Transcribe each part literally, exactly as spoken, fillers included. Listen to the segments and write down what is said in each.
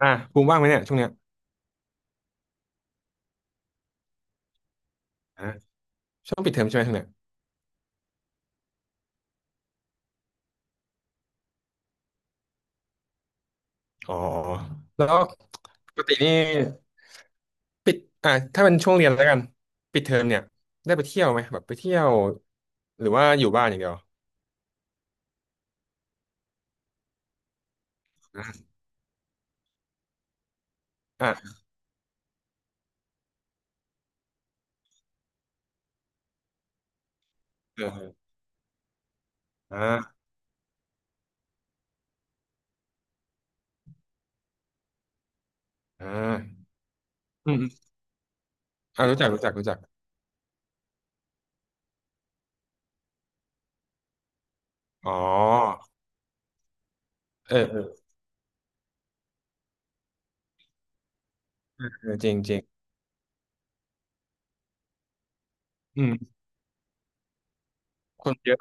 อ่ะภูมิว่างไหมเนี่ยช่วงเนี้ยอ่ะช่วงปิดเทอมใช่ไหมช่วงเนี้ยอ๋อแล้วปกตินี่ปิดอ่ะถ้าเป็นช่วงเรียนแล้วกันปิดเทอมเนี่ยได้ไปเที่ยวไหมแบบไปเที่ยวหรือว่าอยู่บ้านอย่างเดียวอ่ะอ่ะเอออ่าอ่าอืมอมอ่ารู้จักรู้จักรู้จักอ๋อเออเออเออเออจริงจริงอืมคนเยอะ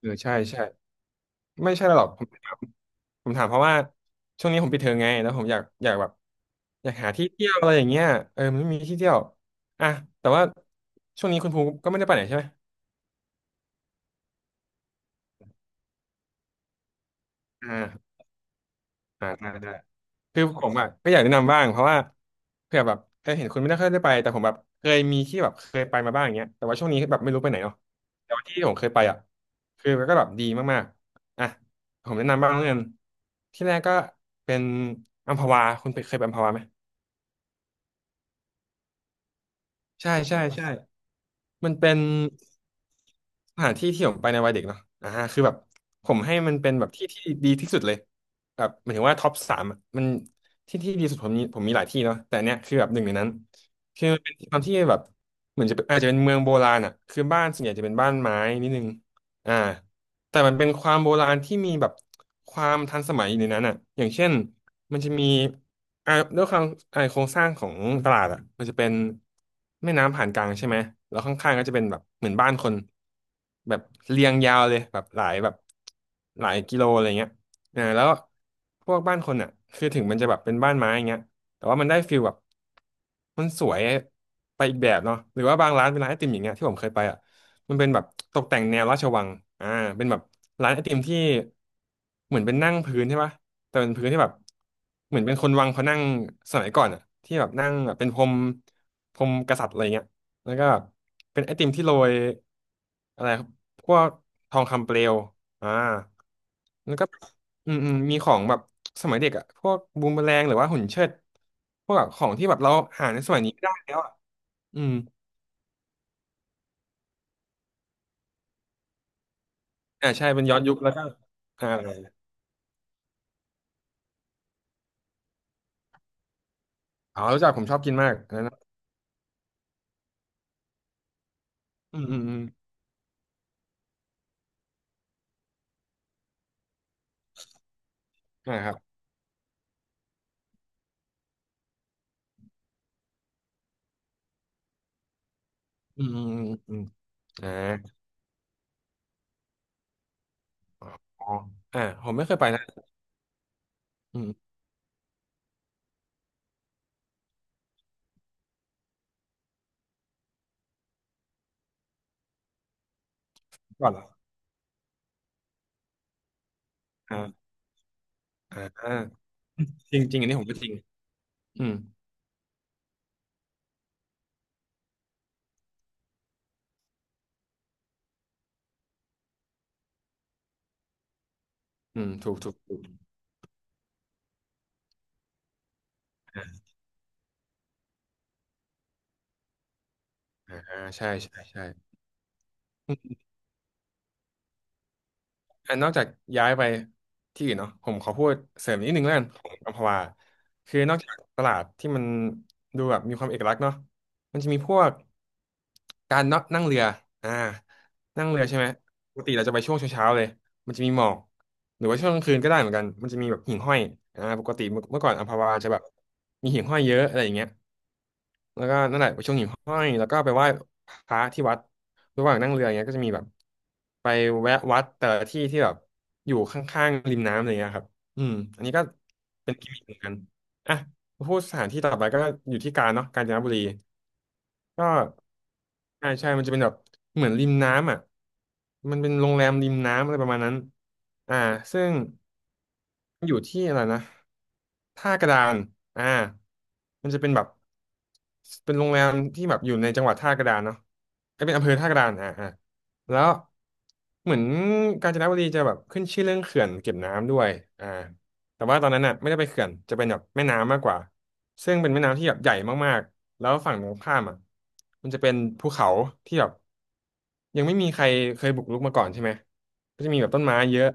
เออใช่ใช่ไม่ใช่หรอกผม ผมถามเพราะว่าช่วงนี้ผมปิดเทอมไงแล้วผมอยากอยากแบบอยากหาที่เที่ยวอะไรอย่างเงี้ยเออมันไม่มีที่เที่ยวอ่ะแต่ว่าช่วงนี้คุณภูมิก็ไม่ได้ไปไหนใช่ไหมอ่าอ่าได้ได้คือผมอ่ะก็อยากแนะนำบ้างเพราะว่าเผื่อแบบเออเห็นคุณไม่ได้ค่อยได้ไปแต่ผมแบบเคยมีที่แบบเคยไปมาบ้างอย่างเงี้ยแต่ว่าช่วงนี้แบบไม่รู้ไปไหนเนาะแต่ว่าที่ผมเคยไปอ่ะคือมันก็แบบดีมากๆอ่ะผมแนะนำบ้างแล้วกันที่แรกก็เป็นอัมพวาคุณเคยไปอัมพวาไหม ใช่ใช่ใช่ มันเป็นสถานที่ที่ผมไปในวัยเด็กเนาะอ่าคือแบบผมให้มันเป็นแบบที่ที่ดีที่สุดเลยแบบหมายถึงว่าท็อปสามอะมันที่ที่ดีสุดผมมีผมมีหลายที่เนาะแต่อันเนี้ยคือแบบหนึ่งในนั้น คือมันเป็นความที่แบบเหมือนจะเป็นอาจจะเป็นเมืองโบราณอ่ะคือบ้านส่วนใหญ่จะเป็นบ้านไม้นิดนึงอ่า แต่มันเป็นความโบราณที่มีแบบความทันสมัยอยู่ในนั้นอ่ะอย่างเช่นมันจะมีอ่าด้วยความอ่าโครงสร้างของตลาดอ่ะมันจะเป็นแม่น้ำผ่านกลางใช่ไหมแล้วข้างๆก็จะเป็นแบบเหมือนบ้านคนแบบเรียงยาวเลยแบบหลายแบบหลายกิโลอะไรเงี้ยอ่าแล้วพวกบ้านคนอ่ะคือถึงมันจะแบบเป็นบ้านไม้อย่างเงี้ยแต่ว่ามันได้ฟิลแบบมันสวยไปอีกแบบเนาะหรือว่าบางร้านเป็นร้านไอติมอย่างเงี้ยที่ผมเคยไปอ่ะ มันเป็นแบบตกแต่งแนวราชวังอ่าเป็นแบบร้านไอติมที่เหมือนเป็นนั่งพื้นใช่ปะแต่เป็นพื้นที่แบบเหมือนเป็นคนวังเขานั่งสมัยก่อนอ่ะที่แบบนั่งแบบเป็นพรมพรมกษัตริย์อะไรเงี้ยแล้วก็เป็นไอติมที่โรยอะไรครับพวกทองคำเปลวอ่าแล้วก็อืมอืมมีของแบบสมัยเด็กอ่ะพวกบูมเมอแรงหรือว่าหุ่นเชิดพวกแบบของที่แบบเราหาในสมัยนี้ไม่ได้แล้วอ่ะอืมอ่าใช่เป็นย้อนยุคแล้วก็อ่า อ๋อ รู้จักผมชอบกินมากอันนั้นนะอืมอืมอืมอ่าครับอืมอืมอืมอืมอ่าอ๋ออ่าผมไม่เคยไปนะอืมก่อนเหรออ่าอ่าอ่าจริงจริง อันนี้ผมก็จริง อืมอืมถูกถูกถูกอ่าใช่ใช่ใช่ อันนอกจากย้ายไปที่อื่นเนาะผมขอพูดเสริมนิดนึงแล้วกันของอัมพวาคือนอกจากตลาดที่มันดูแบบมีความเอกลักษณ์เนาะมันจะมีพวกการนนั่งเรืออ่านั่งเรือใช่ไหมปกติเราจะไปช่วงเช้าๆเลยมันจะมีหมอกหรือว่าช่วงกลางคืนก็ได้เหมือนกันมันจะมีแบบหิ่งห้อยอ่าปกติเมื่อเมื่อก่อนอัมพวาจะแบบมีหิ่งห้อยเยอะอะไรอย่างเงี้ยแล้วก็นั่นแหละไปชมหิ่งห้อยแล้วก็ไปไหว้พระที่วัด ระหว่างนั่งเรืออย่างเงี้ยก็จะมีแบบไปแวะวัดแต่ละที่ที่แบบอยู่ข้างๆริมน้ำอะไรเงี้ยครับอืมอันนี้ก็เป็นกิมมิคเหมือนกัน อ่ะ พูดสถานที่ต่อไปก็อยู่ที่กาญเนาะกาญจนบุรี ก็ใช่ใช่มันจะเป็นแบบเหมือนริมน้ำอ่ะมันเป็นโรงแรมริมน้ำอะไรประมาณนั้นอ่าซึ่ง อยู่ที่อะไรนะท่ากระดานอ่ามันจะเป็นแบบเป็นโรงแรมที่แบบอยู่ในจังหวัดท่ากระดานเนาะไอยเป็นอำเภอท่ากระดานอ่าอ่าแล้วเหมือนกาญจนบุรีจะแบบขึ้นชื่อเรื่องเขื่อนเก็บน้ำด้วยอ่า แต่ว่าตอนนั้นน่ะไม่ได้ไปเขื่อนจะเป็นแบบแม่น้ำมากกว่าซึ่งเป็นแม่น้ำที่แบบใหญ่มากๆแล้วฝั่งตรงข้ามอ่ะมันจะเป็นภูเขาที่แบบยังไม่มีใครเคยบุกรุกมาก่อนใช่ไหมก็จะมีแบบต้นไม้เยอะ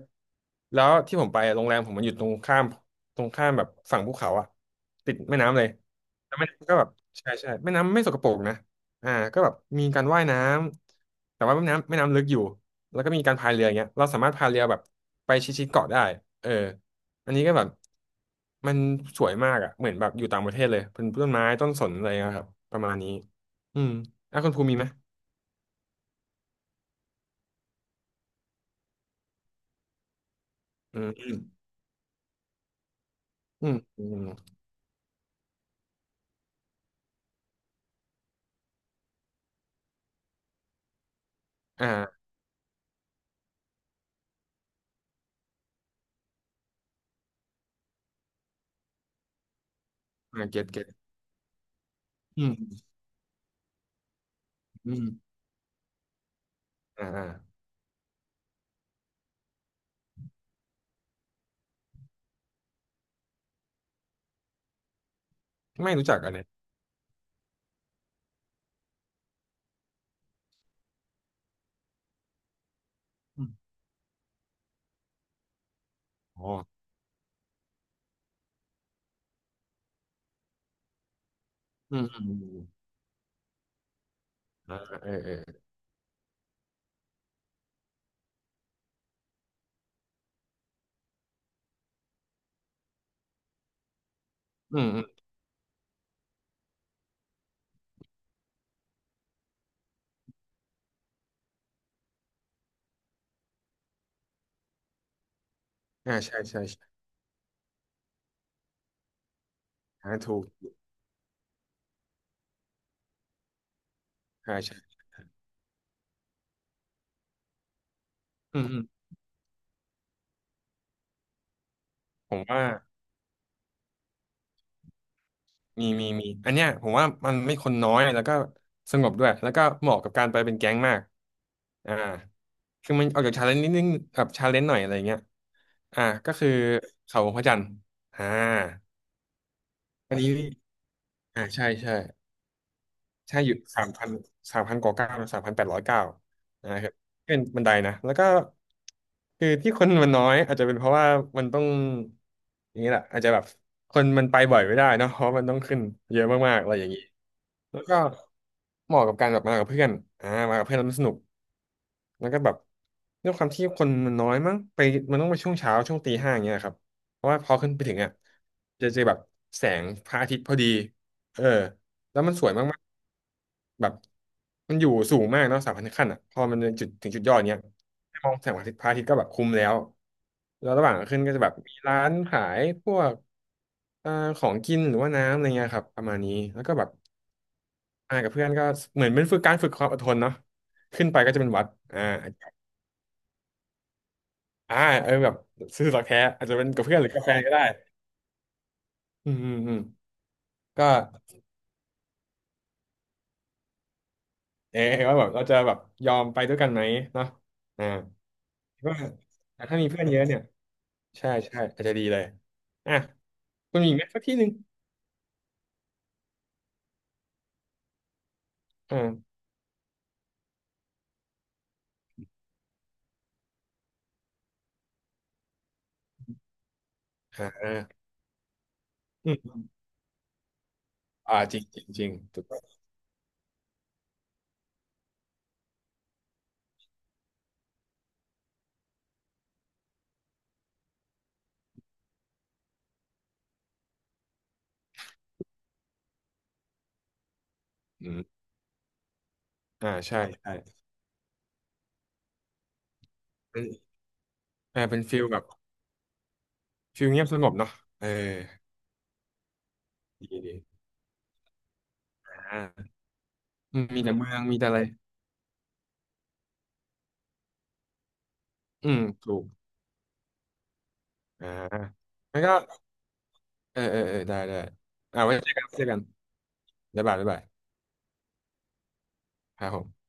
แล้วที่ผมไปอะโรงแรมผมมันอยู่ตรงข้ามตรงข้ามแบบฝั่งภูเขาอ่ะติดแม่น้ำเลยแล้วแม่น้ำก็แบบใช่ใช่แม่น้ำไม่สกปรกนะอ่าก็แบบมีการว่ายน้ำแต่ว่าแม่น้ำแม่น้ำลึกอยู่แล้วก็มีการพายเรืออย่างเงี้ยเราสามารถพายเรือแบบไปชิดๆเกาะได้เออ อันนี้ก็แบบมันสวยมากอ่ะเหมือนแบบอยู่ต่างประเทศเลยเป็นต้นไม้ต้นสนอะไรนะครับประมาณนี้อืมอ่ะคุณภูมิมีไหมอืมอืมอืมอ่าอ่าเก็ตเก็ตอืมอืมอ่าอ่าไม่รู้จักอันเนี้ยอมอ๋ออืมอืมอืมอ่าเออเอออืมอืมอ่าใช่ใช่ใช่อ่าถูกอ่าใช่อืมอืมผมว่า มีมีมีอันเนี้ยผมว่ามันไม่คนน้อยแล้วก็สงบด้วยแล้วก็เหมาะกับการไปเป็นแก๊งมากอ่าคือมันออกจากชาเลนจ์นิดนึงแบบชาเลนจ์หน่อยอะไรเงี้ยอ่าก็คือเขาพระจันทร์อ่าอันนี้อ่าใช่ใช่ใช่อยู่สามพันสามพันกว่าเก้าสามพันแปดร้อยเก้านะครับเป็นบันไดนะแล้วก็คือที่คนมันน้อยอาจจะเป็นเพราะว่ามันต้องอย่างนี้แหละอาจจะแบบคนมันไปบ่อยไม่ได้เนอะเพราะมันต้องขึ้นเยอะมากๆอะไรอย่างนี้ แล้วก็เหมาะกับการแบบมากับเพื่อนอ่ามากับเพื่อนแล้วมันสนุกแล้วก็แบบด้วยความที่คนมันน้อยมั้งไปมันต้องไปช่วงเช้า ช่วงตีห้าอย่างเงี้ยครับเพราะว่าพอขึ้นไปถึงอ่ะจะเจอแบบแสงพระอาทิตย์พอดีเออแล้วมันสวยมากๆแบบมันอยู่สูงมากเนาะสามพันขั้นอ่ะพอมันจุดถึงจุดยอดเนี้ยให้มองแสงพระอาทิตย์พระอาทิตย์ก็แบบคุ้มแล้วแล้วระหว่างขึ้นก็จะแบบมีร้านขายพวกเอ่อของกินหรือว่าน้ำอะไรเงี้ยครับประมาณนี้แล้วก็แบบ อ่ากับเพื่อนก็เหมือนเป็นฝึกการฝึกความอดทนเนาะขึ้นไปก็จะเป็นวัดอ่าอ่าเออแบบซื่อสัตย์แท้อาจจะเป็นกับเพื่อนหรือกับแฟนก็ได้อืมอืมอืมก็เออว่าแบบเราจะแบบยอมไปด้วยกันไหมเนาะอ่าก็ถ้ามีเพื่อนเยอะเนี่ยใช่ใช่อาจจะดีเลยอ่ะคุณมีอีกไหมสักที่หนึ่งอ่าอ่าอ่าอืมอ่าจริงจริงจริงถูกต้องอืมอ่าใช่ใช่เป็นอ่าเป็นฟิลแบบฟิลเงียบสงบเนาะเออดีดีอ่าอืมมีแต่เมืองมีแต่อะไร อืมถูกอ่างั้นก็เออเออเออได้ได้อ่าไว้เจอกันเจอกันบ๊ายบายบ๊ายบายครับผม